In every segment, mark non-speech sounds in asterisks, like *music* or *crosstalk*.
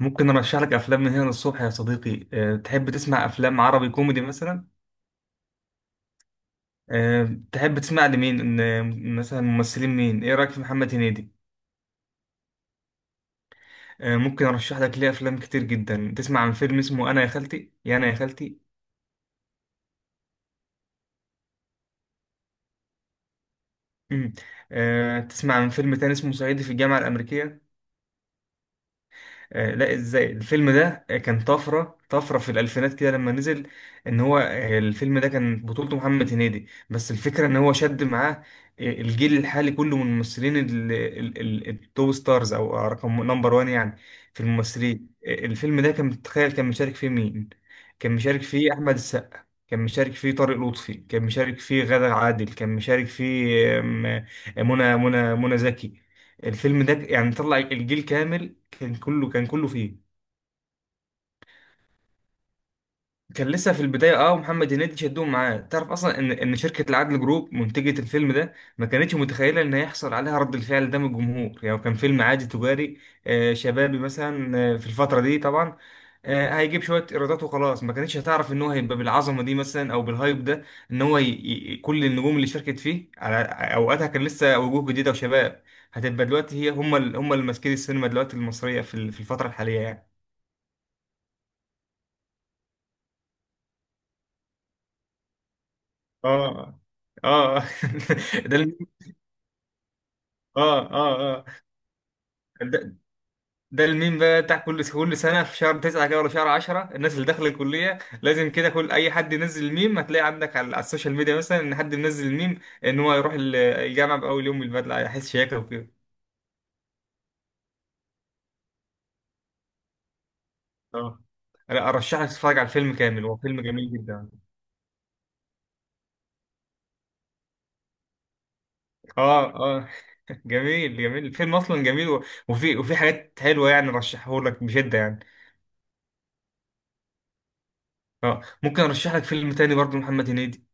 ممكن ارشح لك افلام من هنا للصبح يا صديقي. أه تحب تسمع افلام عربي كوميدي مثلا؟ أه تحب تسمع لمين مثلا ممثلين مين؟ ايه رايك في محمد هنيدي؟ أه ممكن ارشح لك ليه افلام كتير جدا. تسمع عن فيلم اسمه انا يا خالتي، يا انا يا خالتي؟ مم. أه تسمع عن فيلم تاني اسمه صعيدي في الجامعه الامريكيه؟ لا، ازاي؟ الفيلم ده كان طفرة في الألفينات كده لما نزل. ان هو الفيلم ده كان بطولته محمد هنيدي، بس الفكرة ان هو شد معاه الجيل الحالي كله من الممثلين التوب ستارز او رقم نمبر وان يعني في الممثلين. الفيلم ده كان، تخيل، كان مشارك فيه مين؟ كان مشارك فيه أحمد السقا، كان مشارك فيه طارق لطفي، كان مشارك فيه غادة عادل، كان مشارك فيه آم، آه، منى زكي. الفيلم ده يعني طلع الجيل كامل، كان كله، كان كله فيه. كان لسه في البداية. اه، محمد هنيدي شدهم معاه. تعرف اصلا ان شركة العدل جروب منتجة الفيلم ده ما كانتش متخيلة ان هيحصل عليها رد الفعل ده من الجمهور، يعني هو كان فيلم عادي تجاري، شبابي مثلا، في الفترة دي طبعا، هيجيب شوية إيرادات وخلاص. ما كانتش هتعرف إن هو هيبقى بالعظمة دي مثلا أو بالهايب ده، إن هو كل النجوم اللي شاركت فيه على أوقاتها كان لسه وجوه جديدة وشباب. هتبقى دلوقتي هي هم هم اللي ماسكين السينما دلوقتي المصرية في في الفترة الحالية يعني. آه، آه. *laughs* ده ال- آه، آه، آه. ده الميم بقى بتاع كل سنة في شهر تسعة كده ولا شهر عشرة، الناس اللي داخلة الكلية. لازم كده كل أي حد ينزل الميم، هتلاقي عندك على، على السوشيال ميديا مثلا إن حد منزل الميم إن هو يروح الجامعة بأول يوم بالبدلة، هيحس شياكة وكده. اه، لا، أرشح لك تتفرج على الفيلم كامل، هو فيلم جميل جدا. اه، اه. *laughs* جميل، جميل الفيلم أصلا جميل، وفي حاجات حلوة يعني. رشحه لك بشدة يعني. اه، ممكن أرشح لك فيلم تاني برضه محمد هنيدي.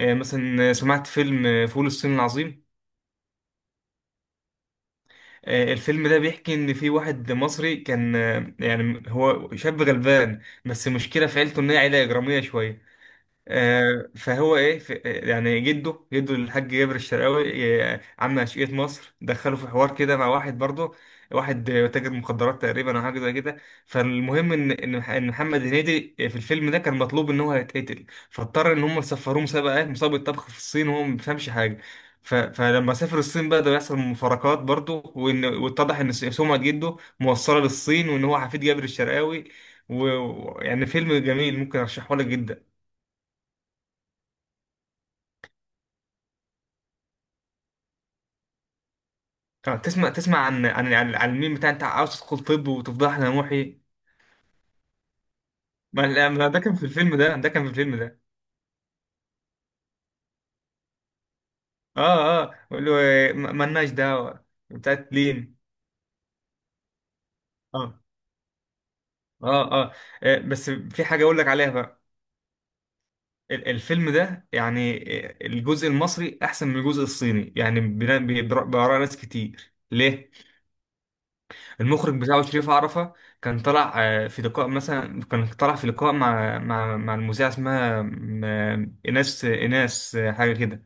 آه، مثلا، سمعت فيلم فول الصين العظيم؟ آه، الفيلم ده بيحكي ان في واحد مصري كان يعني هو شاب غلبان، بس المشكله في عيلته ان هي عيله اجراميه شويه. آه، فهو ايه، يعني جده الحاج جابر الشرقاوي، آه، عم أشقية مصر، دخله في حوار كده مع واحد برضه، واحد تاجر مخدرات تقريبا او حاجه زي كده. فالمهم ان ان إن محمد هنيدي في الفيلم ده كان مطلوب ان هو هيتقتل، فاضطر ان هم يسفروه مسابقه مسابقه طبخ في الصين، وهو ما بيفهمش حاجه. فلما سافر الصين بقى، ده بيحصل مفارقات برضه، وان واتضح ان سمعه جده موصله للصين وان هو حفيد جابر الشرقاوي. ويعني فيلم جميل، ممكن ارشحه لك جدا. اه، تسمع عن الميم بتاع انت عاوز تدخل طب وتفضح لنا محي؟ ما لا، ما ده كان في الفيلم ده. اه، اه، بقول له إيه، ما، مالناش دعوه بتاعت لين. اه، اه، اه. آه، بس في حاجه اقول لك عليها بقى. الفيلم ده يعني، آه، الجزء المصري احسن من الجزء الصيني يعني، بآراء ناس كتير. ليه؟ المخرج بتاعه شريف عرفة. كان طلع في لقاء، مثلا كان طلع في لقاء مع المذيعة، اسمها إيناس، حاجة كده.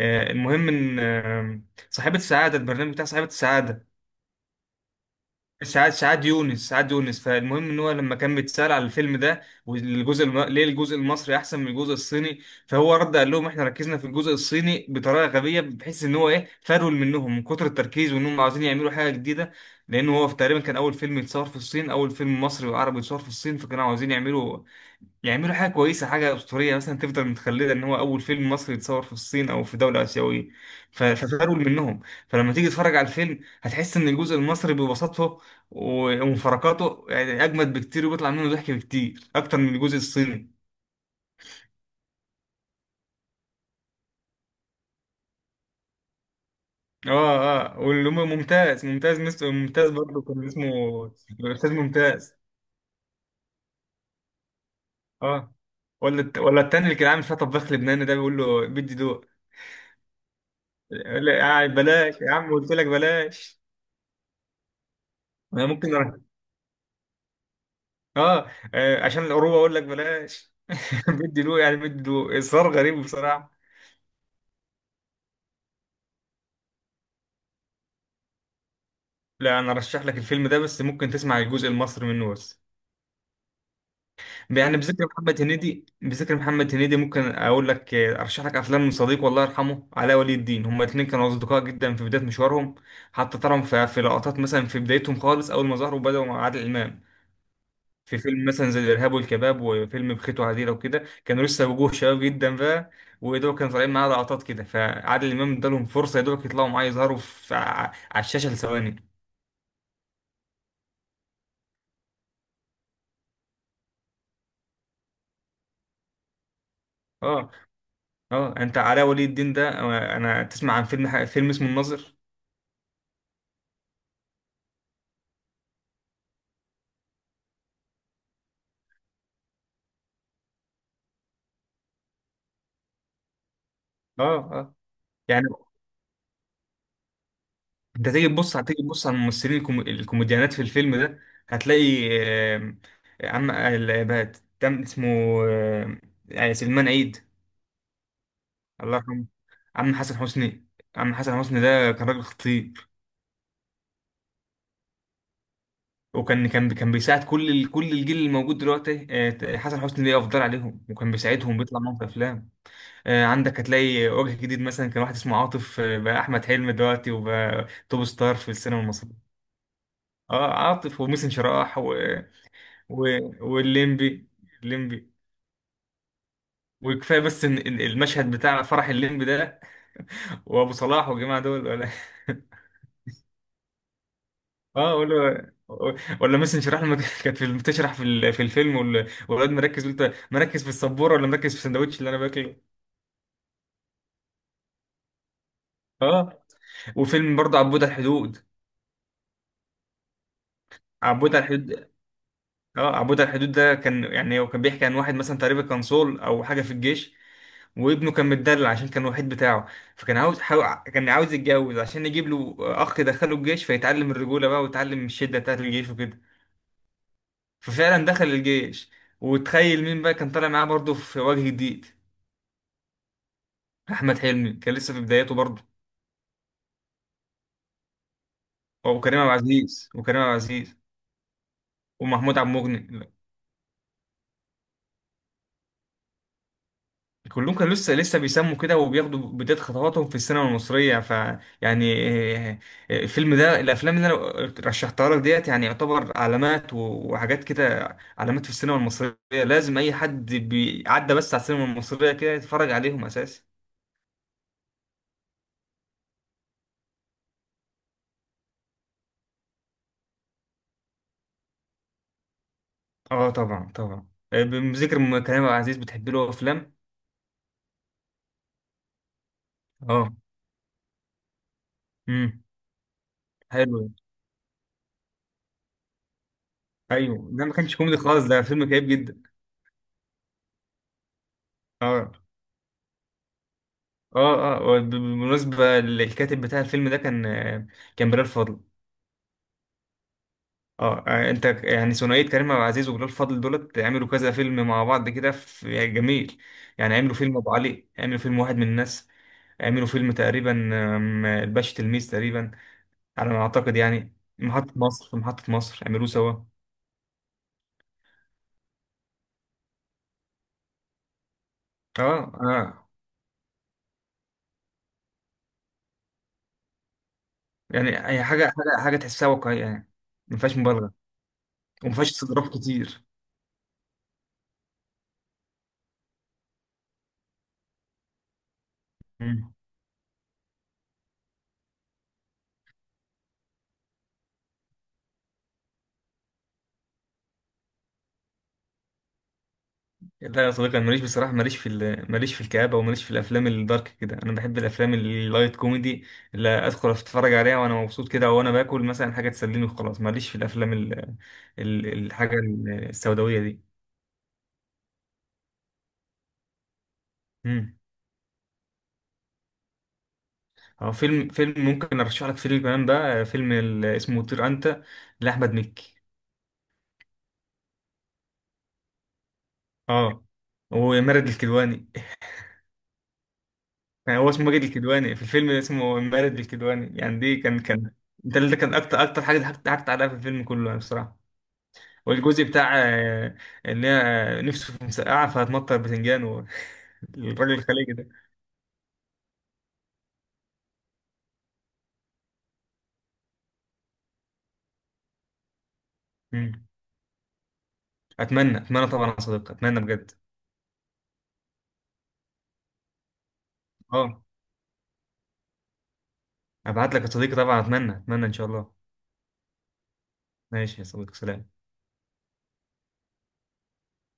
آه، المهم إن، آه، صاحبة السعادة، البرنامج بتاع صاحبة السعادة. سعاد يونس سعاد يونس. فالمهم ان هو لما كان بيتسال على الفيلم ده، والجزء ليه الجزء المصري احسن من الجزء الصيني؟ فهو رد قال لهم احنا ركزنا في الجزء الصيني بطريقه غبيه، بحيث ان هو ايه، فرول منهم من كتر التركيز وانهم عاوزين يعملوا حاجه جديده. لان هو في تقريبا كان اول فيلم يتصور في الصين، اول فيلم مصري وعربي يتصور في الصين، فكانوا عاوزين يعملوا حاجة كويسة، حاجة أسطورية مثلا تفضل متخلدة إن هو أول فيلم مصري يتصور في الصين أو في دولة آسيوية. ففرول منهم. فلما تيجي تتفرج على الفيلم هتحس إن الجزء المصري ببساطته ومفارقاته يعني أجمد بكتير، وبيطلع منه ضحك بكتير أكتر من الجزء الصيني. آه، آه، واللي هو ممتاز، ممتاز برضه كان اسمه الأستاذ ممتاز. آه، ولا ولا التاني اللي كان عامل فيها طباخ لبناني، ده بيقول له بدي دوق. لا، آه، بلاش يا عم، قلت لك بلاش. انا ممكن، اه، آه، عشان القروبه اقول لك بلاش. *laughs* بدي له يعني، بدي له اصرار غريب بصراحه. لا، انا ارشح لك الفيلم ده، بس ممكن تسمع الجزء المصري منه بس. يعني بذكر محمد هنيدي، ممكن اقول لك، آه، ارشح لك افلام من صديق والله يرحمه، علاء ولي الدين. هما الاثنين كانوا اصدقاء جدا في بدايه مشوارهم، حتى ترهم في لقطات مثلا في بدايتهم خالص، اول ما ظهروا بدأوا مع عادل امام في فيلم مثلا زي الإرهاب والكباب، وفيلم بخيت وعديلة وكده. كانوا لسه وجوه شباب جدا بقى، ودول كانوا طالعين معاه لقطات كده. فعادل إمام ادالهم فرصة يا دوبك يطلعوا معاه، يظهروا على الشاشة لثواني. اه، اه. انت علاء ولي الدين ده، آه، انا تسمع عن فيلم، فيلم اسمه الناظر؟ اه، اه، يعني انت تيجي تبص، هتيجي تبص على الممثلين الكوميديانات في الفيلم ده، هتلاقي آم، عم، آه، تم اسمه، آم، يعني سلمان عيد، الله يرحمه. عم حسن حسني. ده كان راجل خطير، وكان كان كان بيساعد كل كل الجيل اللي موجود دلوقتي. آه، حسن حسني ليه افضل عليهم، وكان بيساعدهم، بيطلع معاهم في افلام. آه، عندك هتلاقي وجه جديد مثلا، كان واحد اسمه عاطف، آه، بقى احمد حلمي دلوقتي، وبقى توب ستار في السينما المصريه. اه، عاطف، وميسن شراح، و... والليمبي. الليمبي وكفايه بس إن المشهد بتاع فرح الليمبي ده *laughs* وابو صلاح والجماعه دول ولا *laughs* اه ولا، ولا مثلا شرح لما *laughs* كانت بتشرح في في الفيلم، والولاد، مركز؟ قلت مركز في السبوره ولا مركز في السندوتش اللي انا باكله؟ اه. وفيلم برضه عبود على الحدود. عبود على الحدود اه، عبود على الحدود ده كان يعني، هو كان بيحكي عن واحد مثلا تقريبا كان صول او حاجه في الجيش، وابنه كان متدلل عشان كان الوحيد بتاعه. فكان عاوز كان عاوز يتجوز عشان يجيب له اخ يدخله الجيش، فيتعلم الرجوله بقى ويتعلم الشده بتاعت الجيش وكده. ففعلا دخل الجيش، وتخيل مين بقى كان طالع معاه برضه في وجه جديد؟ احمد حلمي، كان لسه في بداياته برضه. وكريم عبد العزيز، ومحمود عبد المغني. كلهم كانوا لسه بيسموا كده، وبياخدوا بداية خطواتهم في السينما المصرية. ف يعني، آه، آه، الفيلم ده، الافلام اللي انا رشحتها لك ديت يعني يعتبر علامات، وحاجات كده، علامات في السينما المصرية. لازم اي حد بيعدى بس على السينما المصرية كده يتفرج عليهم اساسا. اه، طبعا، طبعا. آه، بذكر كريم عبد العزيز، بتحب له افلام؟ اه. امم. حلو. ايوه، ده ما كانش كوميدي خالص، ده فيلم كئيب جدا. اه، اه، اه. بالمناسبة الكاتب بتاع الفيلم ده كان بلال فضل. اه، آه، انت يعني ثنائية كريم عبد العزيز وبلال فضل دولت عملوا كذا فيلم مع بعض كده، في يعني جميل يعني. عملوا فيلم ابو علي، عملوا فيلم واحد من الناس، عملوا فيلم تقريبا آم، الباشا تلميذ تقريبا، على ما اعتقد يعني. محطة مصر، محطة مصر عملوه سوا. اه، اه، يعني هي حاجة، تحسها واقعية يعني، ما فيهاش مبالغة، وما فيهاش استظراف كتير. لا يا صديقي، انا ماليش بصراحه، ماليش في ماليش في الكآبه، وماليش في الافلام الدارك كده. انا بحب الافلام اللايت كوميدي، اللي ادخل اتفرج عليها وانا مبسوط كده، وانا باكل مثلا حاجه تسليني وخلاص. ماليش في الافلام الحاجه السوداويه دي. امم. هو فيلم ممكن ارشح لك فيلم كمان بقى، فيلم اسمه طير انت لاحمد مكي. اه، ومارد الكدواني *laughs* يعني هو اسمه ماجد الكدواني، في الفيلم اسمه مارد الكدواني يعني، دي كان ده اللي كان اكتر حاجه ضحكت، عليها في الفيلم كله يعني بصراحه. والجزء بتاع ان هي نفسه في مسقعه فهتمطر بتنجان، والراجل *laughs* الخليجي ده. مم. اتمنى، طبعا يا صديقي، اتمنى بجد. اه، ابعت لك يا صديقي طبعا، اتمنى، ان شاء الله. ماشي يا صديقي، سلام.